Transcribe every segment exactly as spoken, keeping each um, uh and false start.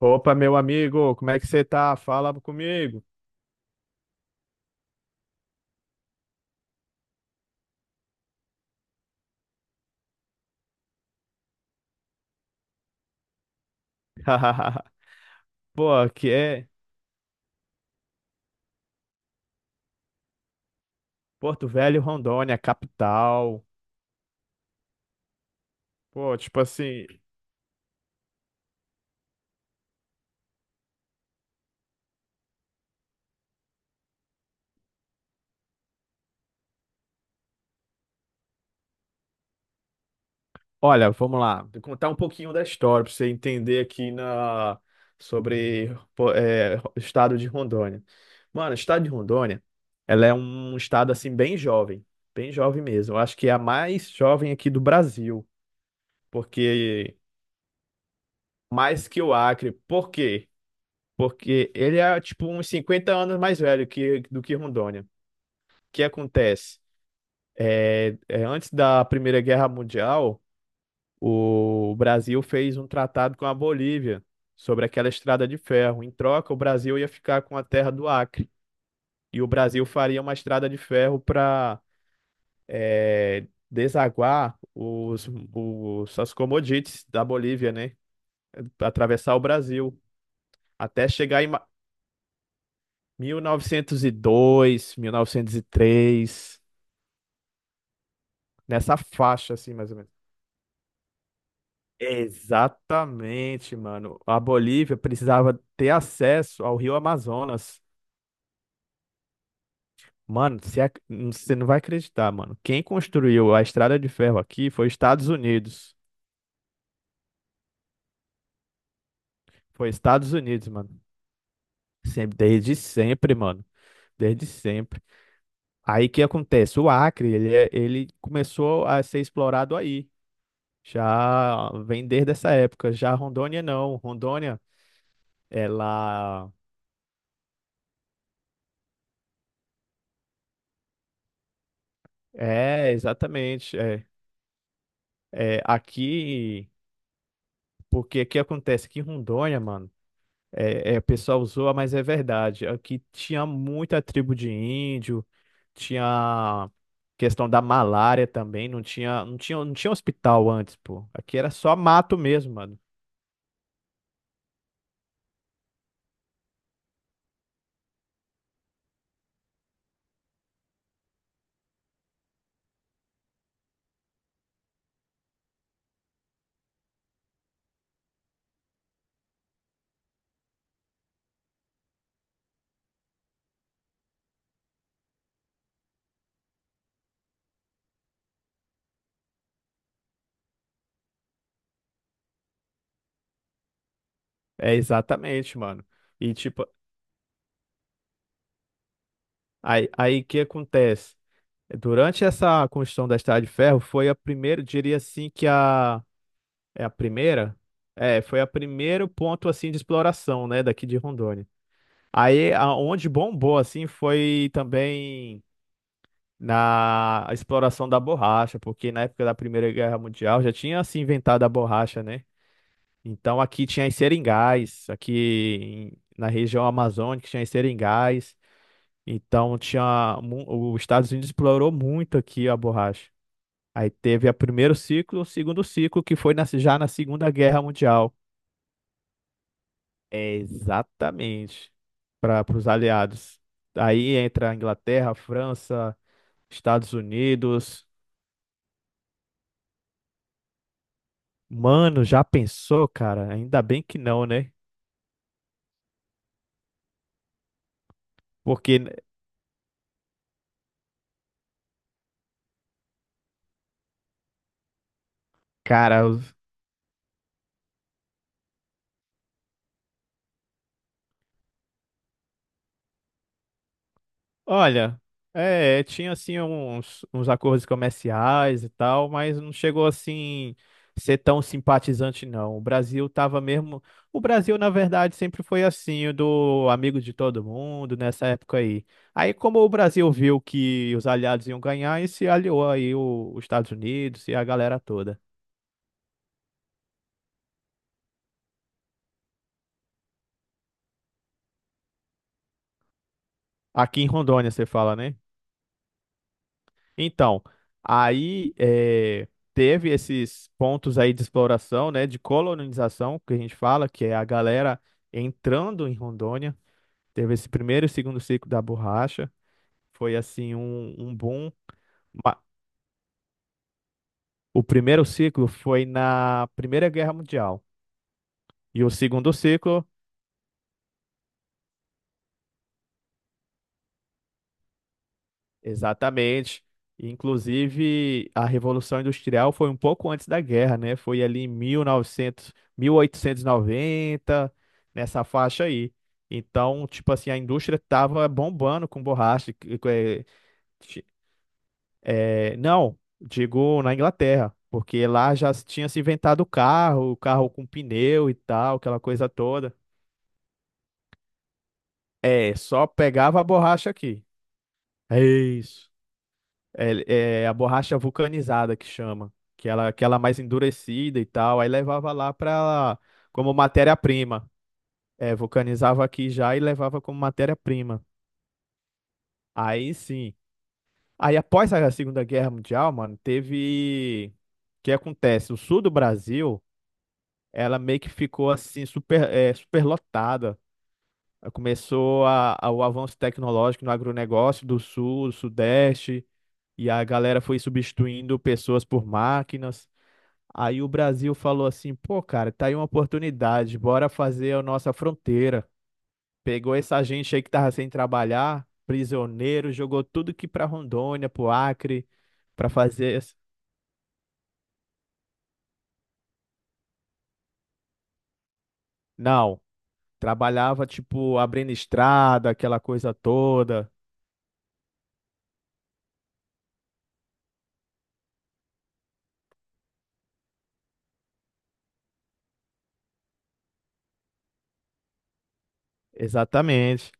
Opa, meu amigo, como é que você tá? Fala comigo. Pô, aqui é Porto Velho, Rondônia, capital. Pô, tipo assim, olha, vamos lá, vou contar um pouquinho da história pra você entender aqui na sobre pô, é, o estado de Rondônia. Mano, o estado de Rondônia, ela é um estado assim bem jovem, bem jovem mesmo. Eu acho que é a mais jovem aqui do Brasil, porque mais que o Acre. Por quê? Porque ele é tipo uns cinquenta anos mais velho que, do que Rondônia. O que acontece? É, é, antes da Primeira Guerra Mundial, o Brasil fez um tratado com a Bolívia sobre aquela estrada de ferro. Em troca, o Brasil ia ficar com a terra do Acre. E o Brasil faria uma estrada de ferro para desaguar os, os, as commodities da Bolívia, né? Atravessar o Brasil. Até chegar em mil mil novecentos novecentos e dois, mil novecentos e três, nessa faixa assim, mais ou menos. Exatamente, mano. A Bolívia precisava ter acesso ao Rio Amazonas. Mano, você ac- você não vai acreditar, mano. Quem construiu a estrada de ferro aqui foi os Estados Unidos. Foi Estados Unidos, mano. Sempre, desde sempre, mano. Desde sempre. Aí o que acontece? O Acre, ele, é- ele começou a ser explorado aí. Já vem desde essa época. Já Rondônia não. Rondônia, ela é exatamente. É, é aqui, porque o que acontece que em Rondônia, mano, é, é, o pessoal zoa, mas é verdade. Aqui tinha muita tribo de índio, tinha questão da malária também. Não tinha, não tinha, não tinha hospital antes, pô. Aqui era só mato mesmo, mano. É exatamente, mano. E tipo, aí aí o que acontece? Durante essa construção da Estrada de Ferro, foi a primeira, diria assim que a é a primeira, é, foi a primeiro ponto assim de exploração, né, daqui de Rondônia. Aí aonde bombou assim foi também na exploração da borracha, porque na época da Primeira Guerra Mundial já tinha se inventado a borracha, né? Então aqui tinha os seringais, aqui em- na região amazônica tinha os seringais. Então tinha mu- os Estados Unidos explorou muito aqui a borracha. Aí teve o primeiro ciclo, o segundo ciclo, que foi na- já na Segunda Guerra Mundial. É exatamente para os aliados. Aí entra a Inglaterra, a França, Estados Unidos. Mano, já pensou, cara? Ainda bem que não, né? Porque, cara, Olha, é, tinha assim uns, uns acordos comerciais e tal, mas não chegou assim ser tão simpatizante, não. O Brasil tava mesmo. O Brasil, na verdade, sempre foi assim, o do amigo de todo mundo nessa época aí. Aí, como o Brasil viu que os aliados iam ganhar, e se aliou aí o- os Estados Unidos e a galera toda. Aqui em Rondônia, você fala, né? Então, aí eh, teve esses pontos aí de exploração, né, de colonização, que a gente fala, que é a galera entrando em Rondônia. Teve esse primeiro e segundo ciclo da borracha. Foi assim um, um boom. Ma- O primeiro ciclo foi na Primeira Guerra Mundial. E o segundo ciclo. Exatamente. Inclusive, a Revolução Industrial foi um pouco antes da guerra, né? Foi ali em mil mil novecentos mil oitocentos e noventa, nessa faixa aí. Então, tipo assim, a indústria tava bombando com borracha. que- que- eh, ti- eh, não, digo na Inglaterra, porque lá já se tinha se inventado o carro, o carro com pneu e tal, aquela coisa toda. É, só pegava a borracha aqui. É isso. É, é a borracha vulcanizada que chama, que ela, que ela é mais endurecida e tal, aí levava lá para como matéria-prima. É, vulcanizava aqui já e levava como matéria-prima. Aí sim. Aí após a Segunda Guerra Mundial, mano, teve o que acontece? O sul do Brasil, ela meio que ficou assim super é, superlotada. Começou a, a- o avanço tecnológico no agronegócio do sul, do sudeste, e a galera foi substituindo pessoas por máquinas. Aí o Brasil falou assim: pô, cara, tá aí uma oportunidade, bora fazer a nossa fronteira. Pegou essa gente aí que tava sem trabalhar, prisioneiro, jogou tudo que pra Rondônia, pro Acre, pra fazer. esse- Não, trabalhava tipo abrindo estrada, aquela coisa toda. Exatamente.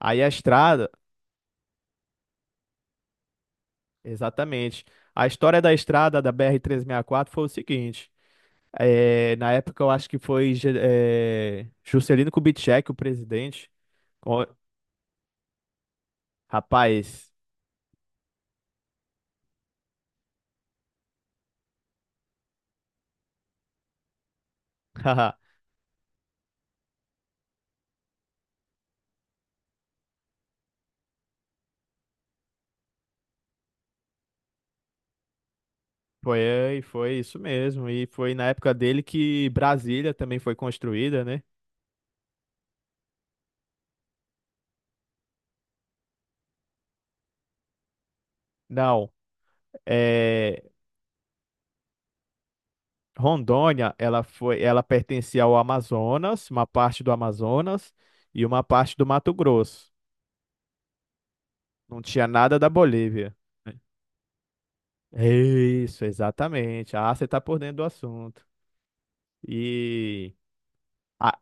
Aí a estrada, exatamente. A história da estrada da B R quatro foi o seguinte. Eh, na época, eu acho que foi Ge- eh, Juscelino Kubitschek, o presidente. Rapaz, foi, foi isso mesmo. E foi na época dele que Brasília também foi construída, né? Não, é, Rondônia, ela foi, ela pertencia ao Amazonas, uma parte do Amazonas e uma parte do Mato Grosso. Não tinha nada da Bolívia. É isso, exatamente. Ah, você tá por dentro do assunto. E Ah,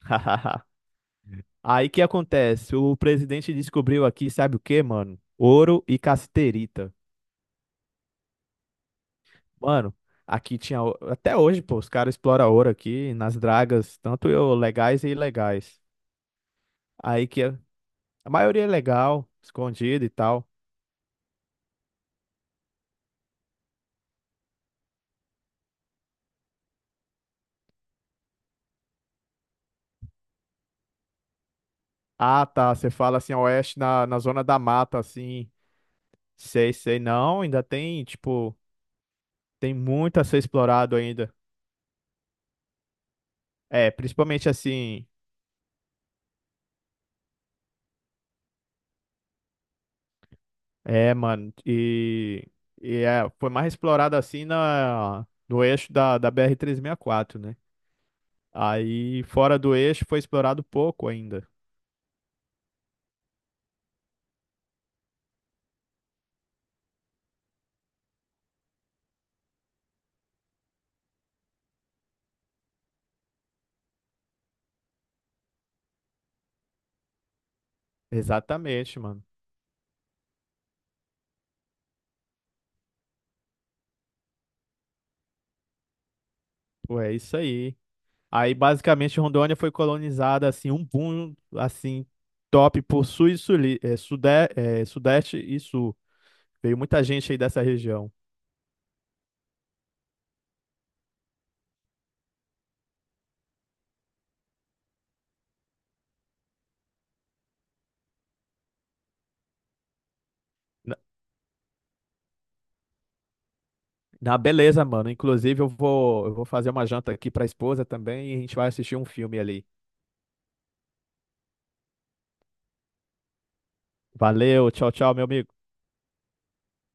aí que acontece? O presidente descobriu aqui, sabe o que mano? Ouro e cassiterita. Mano, aqui tinha. o- Até hoje, pô, os caras exploram ouro aqui nas dragas, tanto eu, legais e ilegais. Aí que a a maioria é legal, escondida e tal. Ah, tá. Você fala assim, oeste na, na zona da mata, assim. Sei, sei. Não, ainda tem, tipo, tem muito a ser explorado ainda. É, principalmente assim. É, mano. E, e é, foi mais explorado assim na, no eixo da, da B R quatro, né? Aí, fora do eixo, foi explorado pouco ainda. Exatamente, mano. Pô, é isso aí. Aí, basicamente, Rondônia foi colonizada, assim, um boom, assim, top por sul e suli, eh, sude, eh, sudeste e sul. Veio muita gente aí dessa região. Na, na beleza, mano. Inclusive, eu vou, eu vou fazer uma janta aqui pra esposa também e a gente vai assistir um filme ali. Valeu, tchau, tchau, meu amigo.